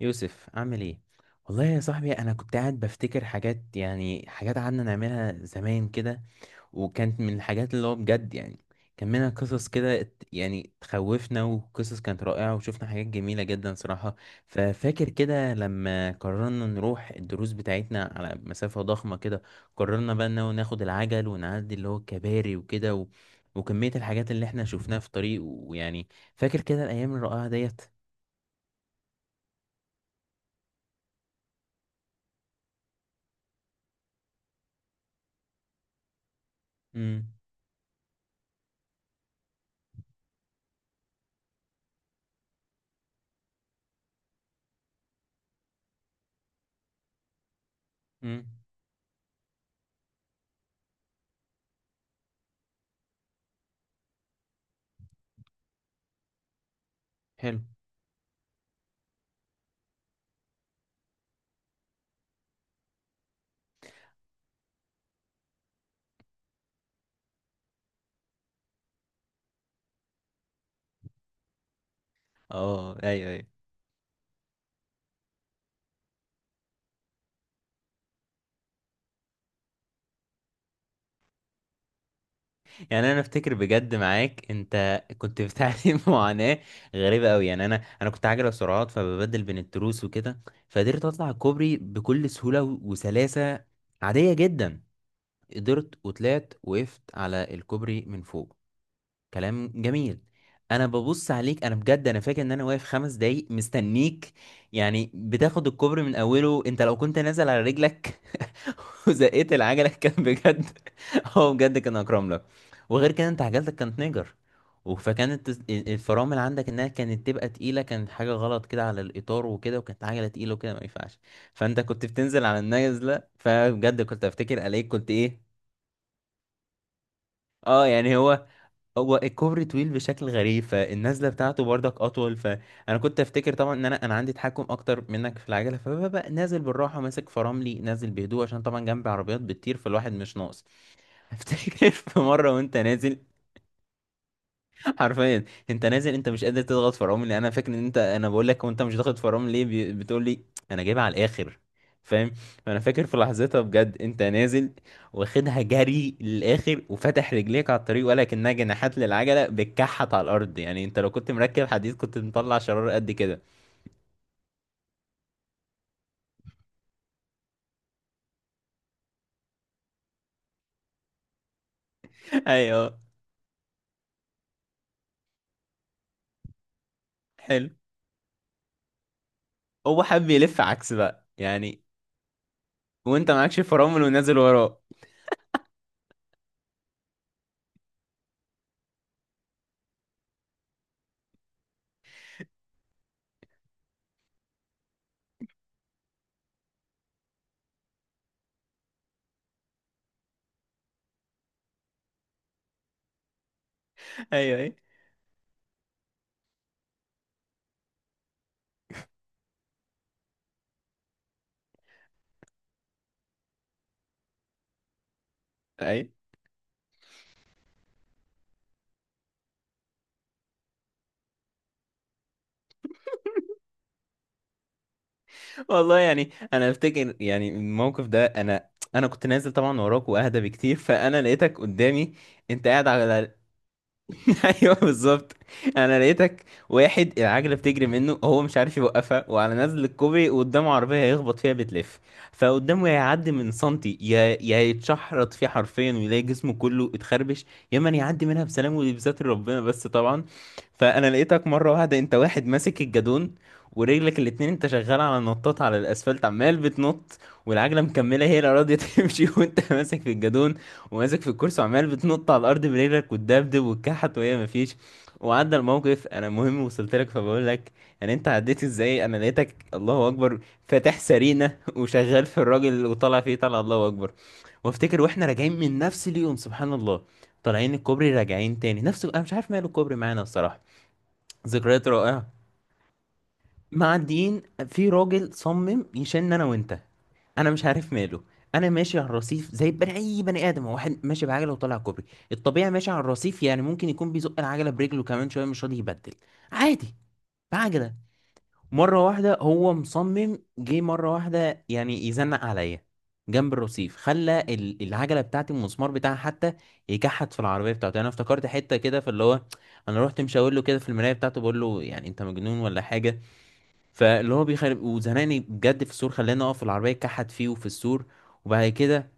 يوسف عامل ايه؟ والله يا صاحبي انا كنت قاعد بفتكر حاجات، يعني حاجات قعدنا نعملها زمان كده، وكانت من الحاجات اللي هو بجد يعني كان منها قصص كده يعني تخوفنا، وقصص كانت رائعة وشفنا حاجات جميلة جدا صراحة. ففاكر كده لما قررنا نروح الدروس بتاعتنا على مسافة ضخمة كده، قررنا بقى انه ناخد العجل ونعدي اللي هو الكباري وكده وكمية الحاجات اللي احنا شفناها في الطريق ويعني فاكر كده الأيام الرائعة ديت. امم امم حلو. اه ايوه ايوه. يعني انا افتكر بجد معاك انت كنت بتعاني معاناه غريبه قوي. يعني انا انا كنت عاجله سرعات فببدل بين التروس وكده، فقدرت اطلع الكوبري بكل سهوله وسلاسه عاديه جدا. قدرت وطلعت وقفت على الكوبري من فوق، كلام جميل. انا ببص عليك، انا بجد انا فاكر ان انا واقف خمس دقايق مستنيك. يعني بتاخد الكوبري من اوله انت لو كنت نازل على رجلك وزقيت العجله، كان بجد هو بجد كان اكرم لك. وغير كده انت عجلتك كانت نيجر، فكانت الفرامل عندك انها كانت تبقى تقيله، كانت حاجه غلط كده على الاطار وكده، وكانت عجله تقيله وكده ما ينفعش. فانت كنت بتنزل على النازله فبجد كنت افتكر عليك كنت ايه. اه يعني هو الكوبري طويل بشكل غريب فالنزله بتاعته برضك اطول. فانا كنت افتكر طبعا ان انا عندي تحكم اكتر منك في العجله، فببقى نازل بالراحه ماسك فراملي، نازل بهدوء عشان طبعا جنبي عربيات بتطير فالواحد مش ناقص. افتكر في مره وانت نازل حرفيا، انت نازل انت مش قادر تضغط فرامل. لان انا فاكر ان انت، انا بقول لك وانت مش ضاغط فرامل ليه، بتقول لي انا جايبها على الاخر، فاهم. فانا فاكر في لحظتها بجد انت نازل، واخدها جري للاخر وفتح رجليك على الطريق ولا كانها جناحات للعجله بتكحت على الارض. يعني انت لو كنت مركب حديد كنت مطلع شرار قد كده. ايوه. حلو، هو حب يلف عكس بقى يعني. وانت معكش فرامل ونازل وراه. ايوه ايوه. والله يعني انا افتكر يعني الموقف ده، انا انا كنت نازل طبعا وراك واهدى بكتير، فانا لقيتك قدامي انت قاعد على ايوه بالظبط. انا لقيتك واحد العجله بتجري منه هو مش عارف يوقفها، وعلى نزل الكوبري قدامه عربيه هيخبط فيها بتلف. فقدامه يا يعدي من سنتي، يا يتشحرط فيه حرفيا ويلاقي جسمه كله اتخربش، يا من يعدي منها بسلام، ودي بستر ربنا بس طبعا. فانا لقيتك مره واحده انت واحد ماسك الجادون، ورجلك الاتنين انت شغال على نطاط على الاسفلت عمال بتنط، والعجله مكمله هي لا راضيه تمشي وانت ماسك في الجادون وماسك في الكرسي، وعمال بتنط على الارض برجلك وتدبدب وتكحت، وهي مفيش. وعدى الموقف، انا المهم وصلت لك فبقول لك، يعني انت عديت ازاي؟ انا لقيتك الله اكبر، فاتح سرينه وشغال في الراجل وطالع فيه طالع، الله اكبر. وافتكر واحنا راجعين من نفس اليوم سبحان الله، طالعين الكوبري راجعين تاني نفس. انا مش عارف ماله الكوبري معانا الصراحه، ذكريات رائعه. معديين، في راجل صمم يشن انا وانت، انا مش عارف ماله. انا ماشي على الرصيف زي بني اي بني ادم، هو واحد ماشي بعجله وطالع كوبري. الطبيعي ماشي على الرصيف، يعني ممكن يكون بيزق العجله برجله كمان شويه مش راضي يبدل، عادي، بعجله. مره واحده هو مصمم، جه مره واحده يعني يزنق عليا جنب الرصيف، خلى العجله بتاعتي المسمار بتاعها حتى يكحت في العربيه بتاعته. يعني انا افتكرت حته كده في اللي هو انا رحت مشاور له كده في المرايه بتاعته بقول له يعني انت مجنون ولا حاجه؟ فاللي هو بيخرب وزنقني بجد في السور، خلاني اقف في العربيه كحت فيه وفي السور. وبعد كده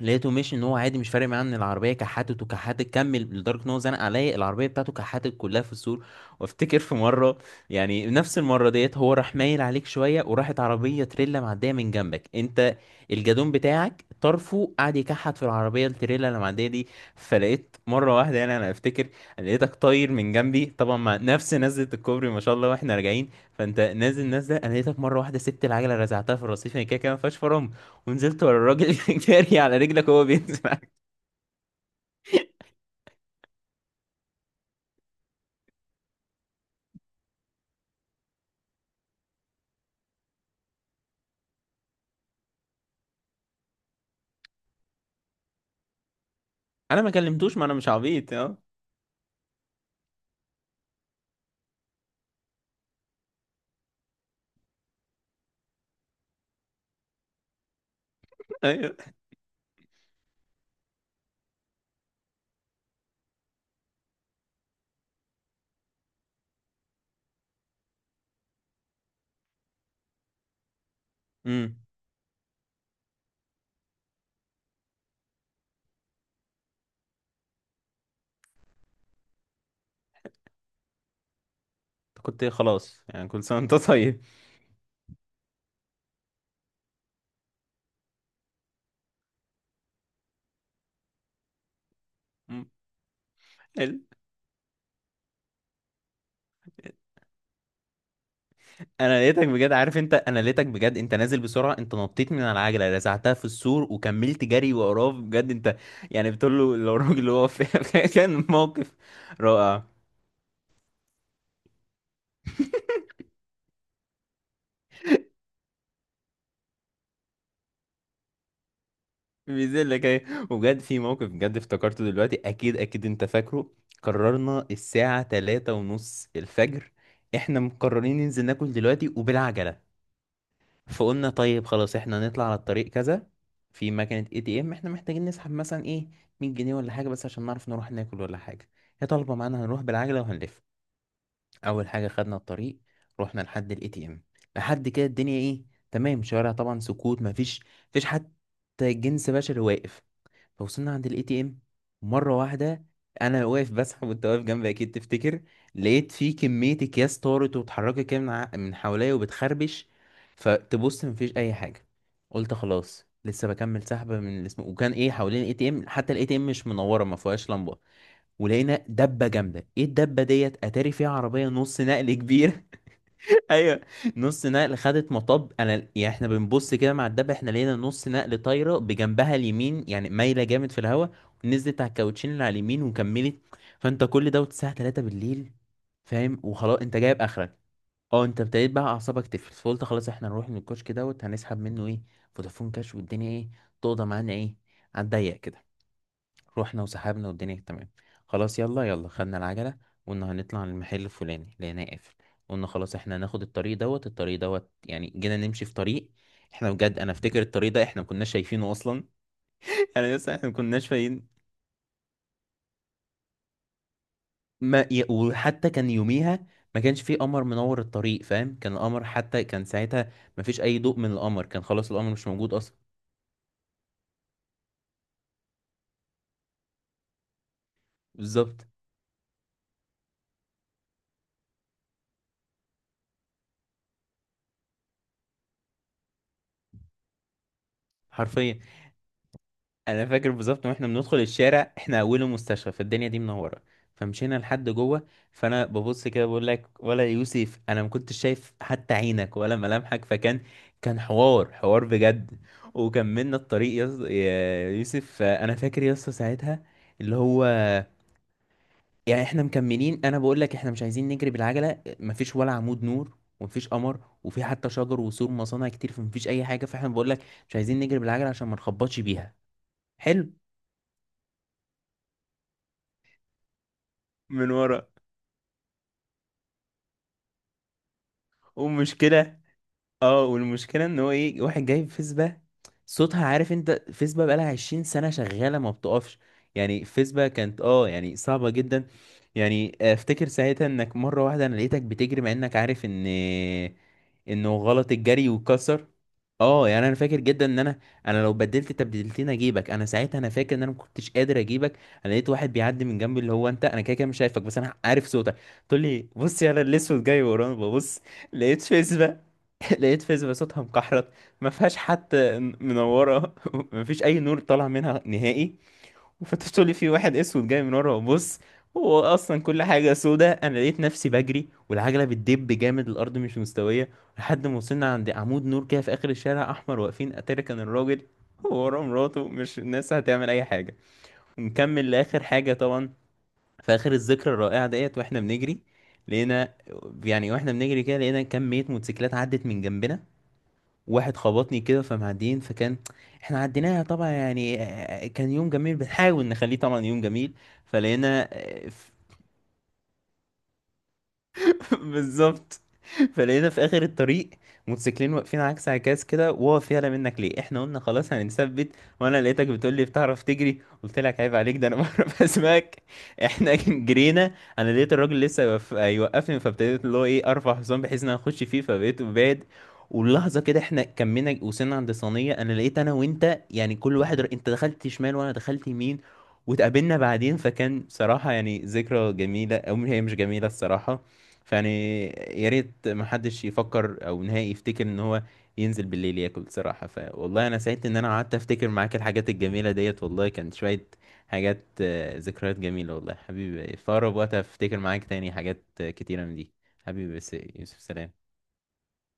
لقيته ماشي ان هو عادي مش فارق معاه ان العربيه كحتت، وكحتت كمل، لدرجه ان هو زنق عليا العربيه بتاعته كحتت كلها في السور. وافتكر في مره، يعني نفس المره ديت هو راح مايل عليك شويه، وراحت عربيه تريلا معديه من جنبك انت، الجدون بتاعك طرفه قعد يكحت في العربيه التريلا اللي معديه دي. فلقيت مره واحده يعني انا افتكر لقيتك طاير من جنبي طبعا، مع نفس نزله الكوبري ما شاء الله، واحنا راجعين. فانت نازل نازله، انا لقيتك مره واحده سبت العجله رزعتها في الرصيف، يعني كده كده ما فيهاش فرامل، ونزلت ورا الراجل جاري على رجلك وهو بينزل عليك. انا ما كلمتوش، ما انا مش عبيط، اه. ايوه. امم. كنت خلاص يعني، كل سنه وانت طيب. أمم، حلو. انا لقيتك بجد، عارف انت، انا لقيتك بجد انت نازل بسرعه، انت نطيت من على العجله رزعتها في السور وكملت جري وراه بجد انت. يعني بتقول له لو الراجل اللي هو كان موقف رائع. بينزل لك ايه، وبجد في موقف بجد افتكرته دلوقتي اكيد اكيد انت فاكره. قررنا الساعة تلاتة ونص الفجر، احنا مقررين ننزل ناكل دلوقتي وبالعجلة. فقلنا طيب خلاص احنا نطلع على الطريق كذا، في مكنة اي تي ام احنا محتاجين نسحب مثلا ايه، 100 جنيه ولا حاجة، بس عشان نعرف نروح ناكل ولا حاجة. هي طالبة معانا هنروح بالعجلة وهنلف. اول حاجة خدنا الطريق، رحنا لحد الاي تي ام، لحد كده الدنيا ايه، تمام، شوارع طبعا سكوت مفيش، مفيش حد، حتى الجنس بشري واقف. فوصلنا عند الاي تي ام مره واحده. انا واقف بسحب وانت واقف جنبي اكيد تفتكر. لقيت في كميه اكياس طارت واتحركت كده من من حواليا وبتخربش. فتبص مفيش اي حاجه. قلت خلاص لسه بكمل سحبه من الاسم. وكان ايه حوالين الاي تي ام، حتى الاي تي ام مش منوره ما فيهاش لمبه. ولقينا دبه جامده، ايه الدبه ديت؟ اتاري فيها عربيه نص نقل كبير. ايوه. نص نقل خدت مطب، انا يعني احنا بنبص كده مع الدب احنا لقينا نص نقل طايره بجنبها اليمين، يعني مايله جامد في الهواء، نزلت على الكاوتشين اللي على اليمين وكملت. فانت كل دوت الساعه 3 بالليل، فاهم، وخلاص انت جايب اخرك. اه انت ابتديت بقى اعصابك تفلت، فقلت خلاص احنا نروح من الكشك دوت هنسحب منه ايه، فودافون كاش، والدنيا ايه، تقضى معانا ايه على الضيق كده. رحنا وسحبنا والدنيا تمام، خلاص يلا يلا خدنا العجلة، وقلنا هنطلع على المحل الفلاني لقيناه قافل. قلنا خلاص احنا هناخد الطريق دوت، الطريق دوت يعني جينا نمشي في طريق احنا بجد انا افتكر الطريق ده احنا ما كناش شايفينه اصلا. انا لسه احنا ما كناش فاهمين. ما ي... وحتى كان يوميها ما كانش فيه قمر منور الطريق، فاهم، كان القمر حتى كان ساعتها ما فيش اي ضوء من القمر، كان خلاص القمر مش موجود اصلا. بالظبط. حرفيا. انا فاكر بالظبط واحنا بندخل الشارع احنا اوله مستشفى فالدنيا دي منوره، فمشينا لحد جوه. فانا ببص كده بقول لك ولا يوسف انا ما كنتش شايف حتى عينك ولا ملامحك، فكان كان حوار حوار بجد. وكملنا الطريق، يا يوسف انا فاكر يا اسطى ساعتها اللي هو يعني احنا مكملين، انا بقول لك احنا مش عايزين نجري بالعجله، مفيش ولا عمود نور ومفيش قمر، وفي حتى شجر وسور مصانع كتير فمفيش اي حاجه. فاحنا بقول لك مش عايزين نجري بالعجله عشان ما نخبطش بيها. حلو. من ورا، والمشكلة، اه والمشكلة ان هو ايه، واحد جايب فيسبا، صوتها عارف انت، فيسبا بقالها 20 سنة شغالة ما بتقفش، يعني فيسبا كانت اه يعني صعبة جدا. يعني افتكر ساعتها انك مرة واحدة انا لقيتك بتجري مع انك عارف ان انه غلط الجري وكسر. اه يعني انا فاكر جدا ان انا، انا لو بدلت تبديلتين اجيبك انا ساعتها، انا فاكر ان انا ما كنتش قادر اجيبك. انا لقيت واحد بيعدي من جنبي اللي هو انت، انا كده كده مش شايفك بس انا عارف صوتك، تقول لي بص يا انا الاسود جاي ورانا ببص. لقيت فيسبا لقيت فيسبا صوتها مكحرت، ما فيهاش حتى منوره ما فيش اي نور طالع منها نهائي، وفتحت لي في واحد اسود جاي من ورا وبص، هو اصلا كل حاجه سودة. انا لقيت نفسي بجري والعجله بتدب جامد الارض مش مستويه، لحد ما وصلنا عند عمود نور كده في اخر الشارع احمر واقفين اتاري كان الراجل هو ورا مراته مش الناس هتعمل اي حاجه. ونكمل لاخر حاجه طبعا. في اخر الذكرى الرائعه ديت واحنا بنجري لقينا، يعني واحنا بنجري كده لقينا كميه موتوسيكلات عدت من جنبنا، واحد خبطني كده فمعديين فكان، احنا عديناها طبعا. يعني آه، كان يوم جميل بنحاول نخليه طبعا يوم جميل. فلقينا آه، بالظبط. فلقينا في اخر الطريق موتوسيكلين واقفين عكس عكاز كده واقف يعلى منك ليه، احنا قلنا خلاص هنثبت. وانا لقيتك بتقول لي بتعرف تجري، قلت لك عيب عليك، ده انا بعرف اسمعك. احنا جرينا، انا لقيت الراجل لسه يوقفني، فابتديت اللي هو ايه ارفع حصان بحيث ان انا اخش فيه، فبقيت بعد واللحظه كده احنا كملنا وصلنا عند صينيه انا لقيت انا وانت، يعني كل واحد انت دخلت شمال وانا دخلت يمين، واتقابلنا بعدين. فكان صراحه يعني ذكرى جميله، او هي مش جميله الصراحه. فيعني يا ريت ما حدش يفكر او نهائي يفتكر ان هو ينزل بالليل ياكل بصراحة. فوالله انا سعيد ان انا قعدت افتكر معاك الحاجات الجميلة ديت، والله كانت شوية حاجات آه، ذكريات جميلة والله حبيبي. في اقرب وقت افتكر معاك تاني حاجات آه، كتيرة من دي. حبيبي يا يوسف، سلام.